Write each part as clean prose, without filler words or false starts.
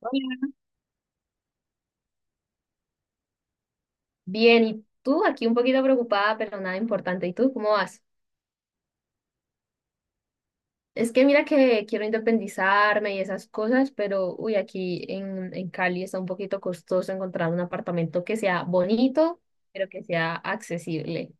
Hola. Bien, ¿y tú? Aquí un poquito preocupada, pero nada importante. ¿Y tú cómo vas? Es que mira que quiero independizarme y esas cosas, pero uy, aquí en Cali está un poquito costoso encontrar un apartamento que sea bonito, pero que sea accesible.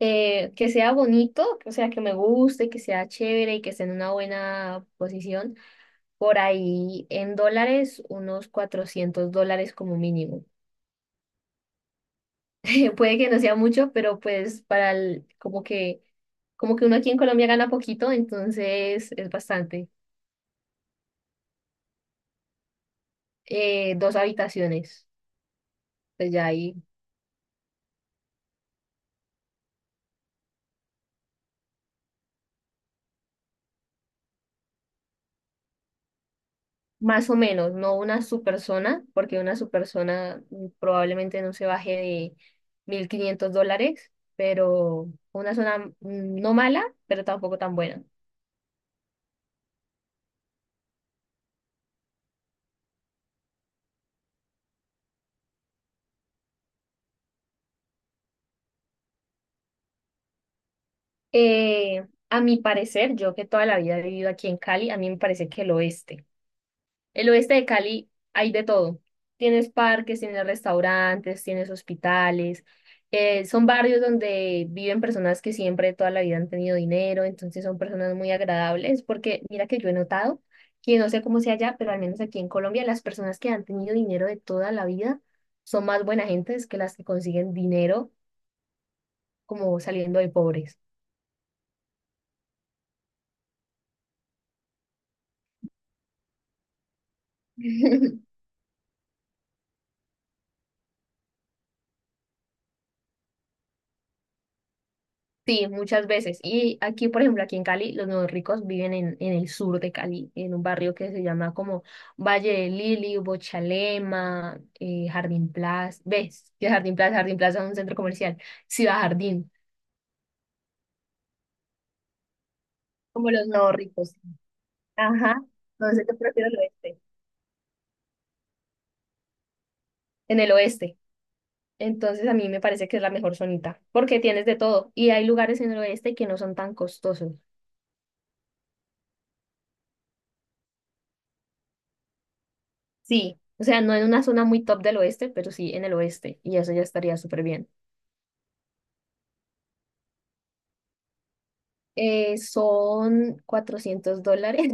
Que sea bonito, o sea, que me guste, que sea chévere y que esté en una buena posición. Por ahí en dólares, unos $400 como mínimo. Puede que no sea mucho, pero pues para el, como que uno aquí en Colombia gana poquito, entonces es bastante. Dos habitaciones, pues ya ahí, más o menos, no una super zona, porque una super zona probablemente no se baje de $1.500, pero una zona no mala, pero tampoco tan buena. A mi parecer, yo que toda la vida he vivido aquí en Cali, a mí me parece que el oeste. El oeste de Cali hay de todo. Tienes parques, tienes restaurantes, tienes hospitales. Son barrios donde viven personas que siempre toda la vida han tenido dinero, entonces son personas muy agradables, porque mira que yo he notado que no sé cómo sea allá, pero al menos aquí en Colombia las personas que han tenido dinero de toda la vida son más buena gentes que las que consiguen dinero como saliendo de pobres. Sí, muchas veces. Y aquí, por ejemplo, aquí en Cali, los nuevos ricos viven en el sur de Cali, en un barrio que se llama como Valle de Lili, Bochalema, Jardín Plaza. ¿Ves? Que Jardín Plaza, Jardín Plaza es un centro comercial. Ciudad Jardín, como los nuevos ricos. Ajá. Entonces yo prefiero el oeste. En el oeste. Entonces a mí me parece que es la mejor zonita, porque tienes de todo. Y hay lugares en el oeste que no son tan costosos. Sí. O sea, no en una zona muy top del oeste, pero sí en el oeste. Y eso ya estaría súper bien. Son $400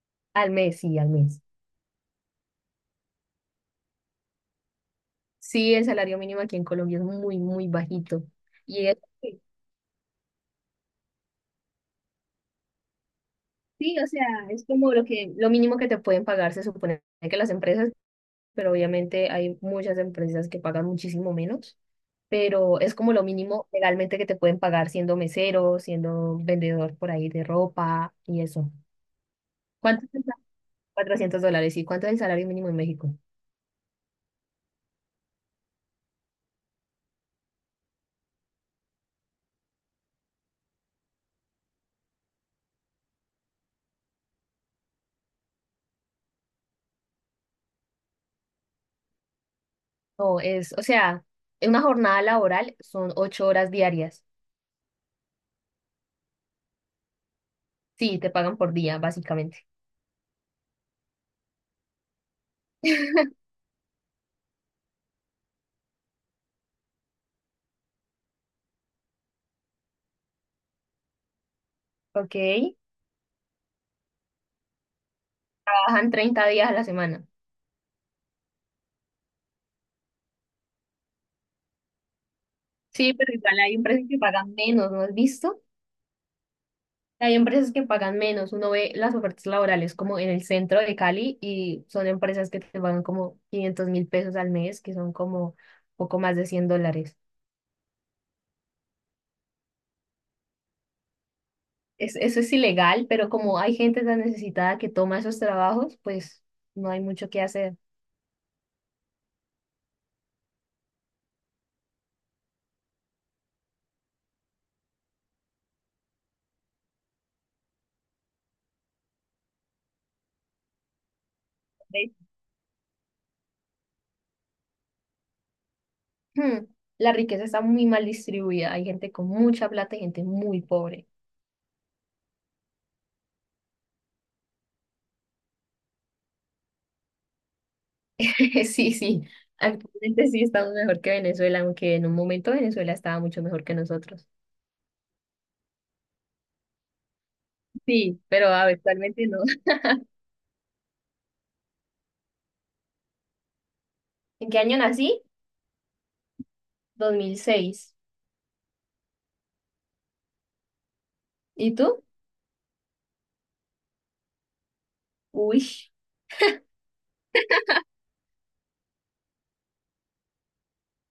al mes. Sí, el salario mínimo aquí en Colombia es muy, muy bajito. Y es, sí, o sea, es como lo mínimo que te pueden pagar, se supone que las empresas, pero obviamente hay muchas empresas que pagan muchísimo menos, pero es como lo mínimo legalmente que te pueden pagar siendo mesero, siendo vendedor por ahí de ropa y eso. ¿Cuánto es el sal- ¿$400? ¿Y cuánto es el salario mínimo en México? No, es, o sea, en una jornada laboral son 8 horas diarias. Sí, te pagan por día, básicamente. Ok. Trabajan 30 días a la semana. Sí, pero igual hay empresas que pagan menos, ¿no has visto? Hay empresas que pagan menos. Uno ve las ofertas laborales como en el centro de Cali y son empresas que te pagan como $500.000 al mes, que son como poco más de $100. Eso es ilegal, pero como hay gente tan necesitada que toma esos trabajos, pues no hay mucho que hacer. Hmm, La riqueza está muy mal distribuida. Hay gente con mucha plata y gente muy pobre. Sí, sí. Actualmente sí estamos mejor que Venezuela, aunque en un momento Venezuela estaba mucho mejor que nosotros. Sí, pero actualmente no. ¿En qué año nací? 2006. ¿Y tú? Uy,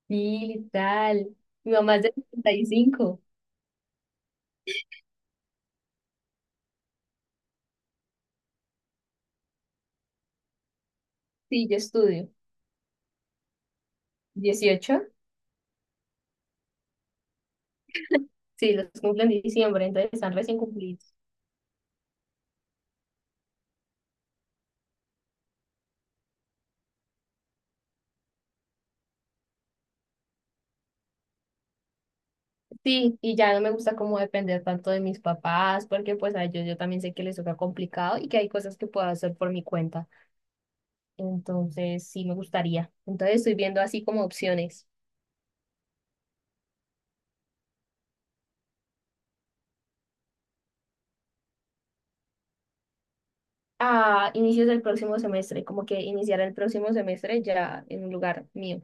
sí, tal. Mi mamá es de setenta y cinco. Sí, yo estudio. 18. Sí, los cumplen en diciembre, entonces están recién cumplidos. Sí, y ya no me gusta como depender tanto de mis papás, porque pues a ellos yo también sé que les toca complicado y que hay cosas que puedo hacer por mi cuenta. Entonces, sí me gustaría. Entonces, estoy viendo así como opciones. A inicios del próximo semestre, como que iniciar el próximo semestre ya en un lugar mío.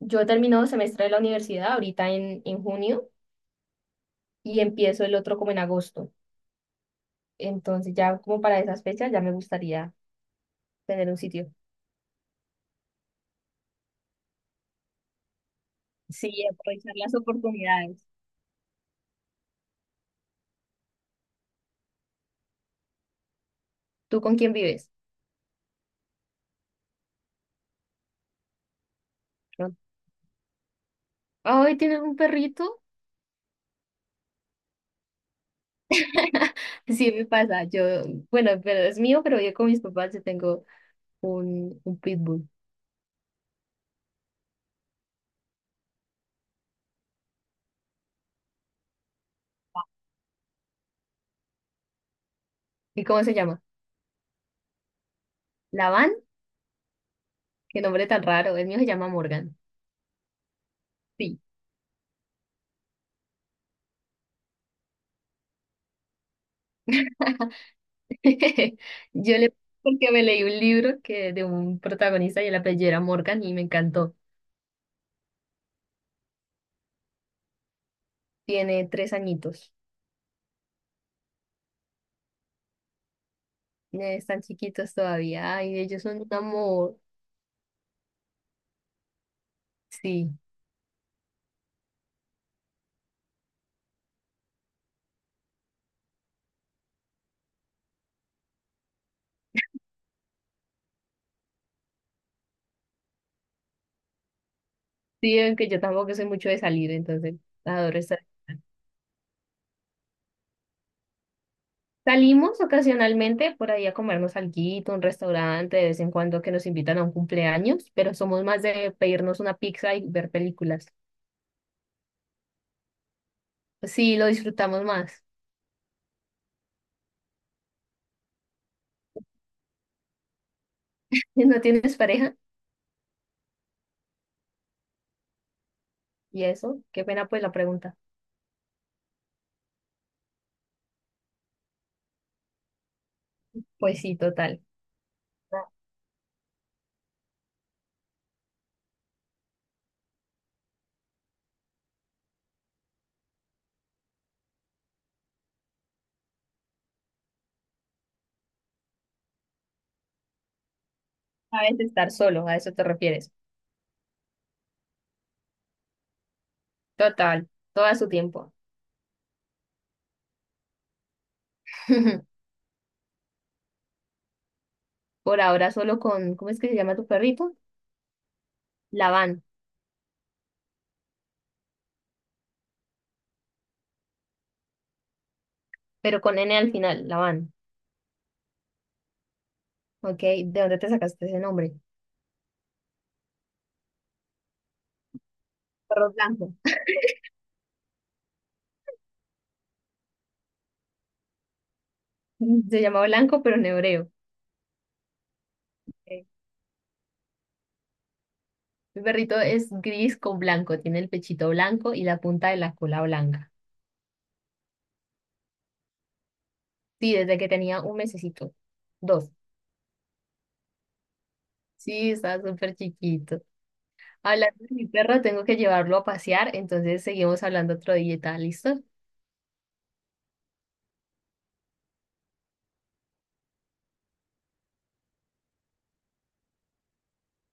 Yo termino semestre de la universidad ahorita en junio y empiezo el otro como en agosto. Entonces, ya como para esas fechas ya me gustaría tener un sitio. Sí, aprovechar las oportunidades. ¿Tú con quién vives? Ay, ¿tienes un perrito? Sí, me pasa. Yo, bueno, pero es mío, pero yo con mis papás yo tengo un pitbull. ¿Y cómo se llama? Lavan, qué nombre tan raro. El mío se llama Morgan. Sí. Yo le Porque me leí un libro que de un protagonista y el apellido era Morgan y me encantó. Tiene 3 añitos. Están chiquitos todavía. Ay, ellos son un amor. Sí. Sí, aunque yo tampoco soy mucho de salir, entonces adoro estar. Salimos ocasionalmente por ahí a comernos alguito, un restaurante, de vez en cuando que nos invitan a un cumpleaños, pero somos más de pedirnos una pizza y ver películas. Pues sí, lo disfrutamos más. ¿Y no tienes pareja? ¿Y eso? Qué pena pues la pregunta. Pues sí, total. No. Sabes estar solo, a eso te refieres. Total, todo a su tiempo. Por ahora solo con, ¿cómo es que se llama tu perrito? Labán, pero con N al final, Labán. ¿Ok? ¿De dónde te sacaste ese nombre? Perro blanco. Se llama Blanco, pero en hebreo. Ok. Mi perrito es gris con blanco, tiene el pechito blanco y la punta de la cola blanca. Sí, desde que tenía un mesecito. Dos. Sí, está súper chiquito. Hablando de mi perro, tengo que llevarlo a pasear, entonces seguimos hablando otro día, ¿está listo?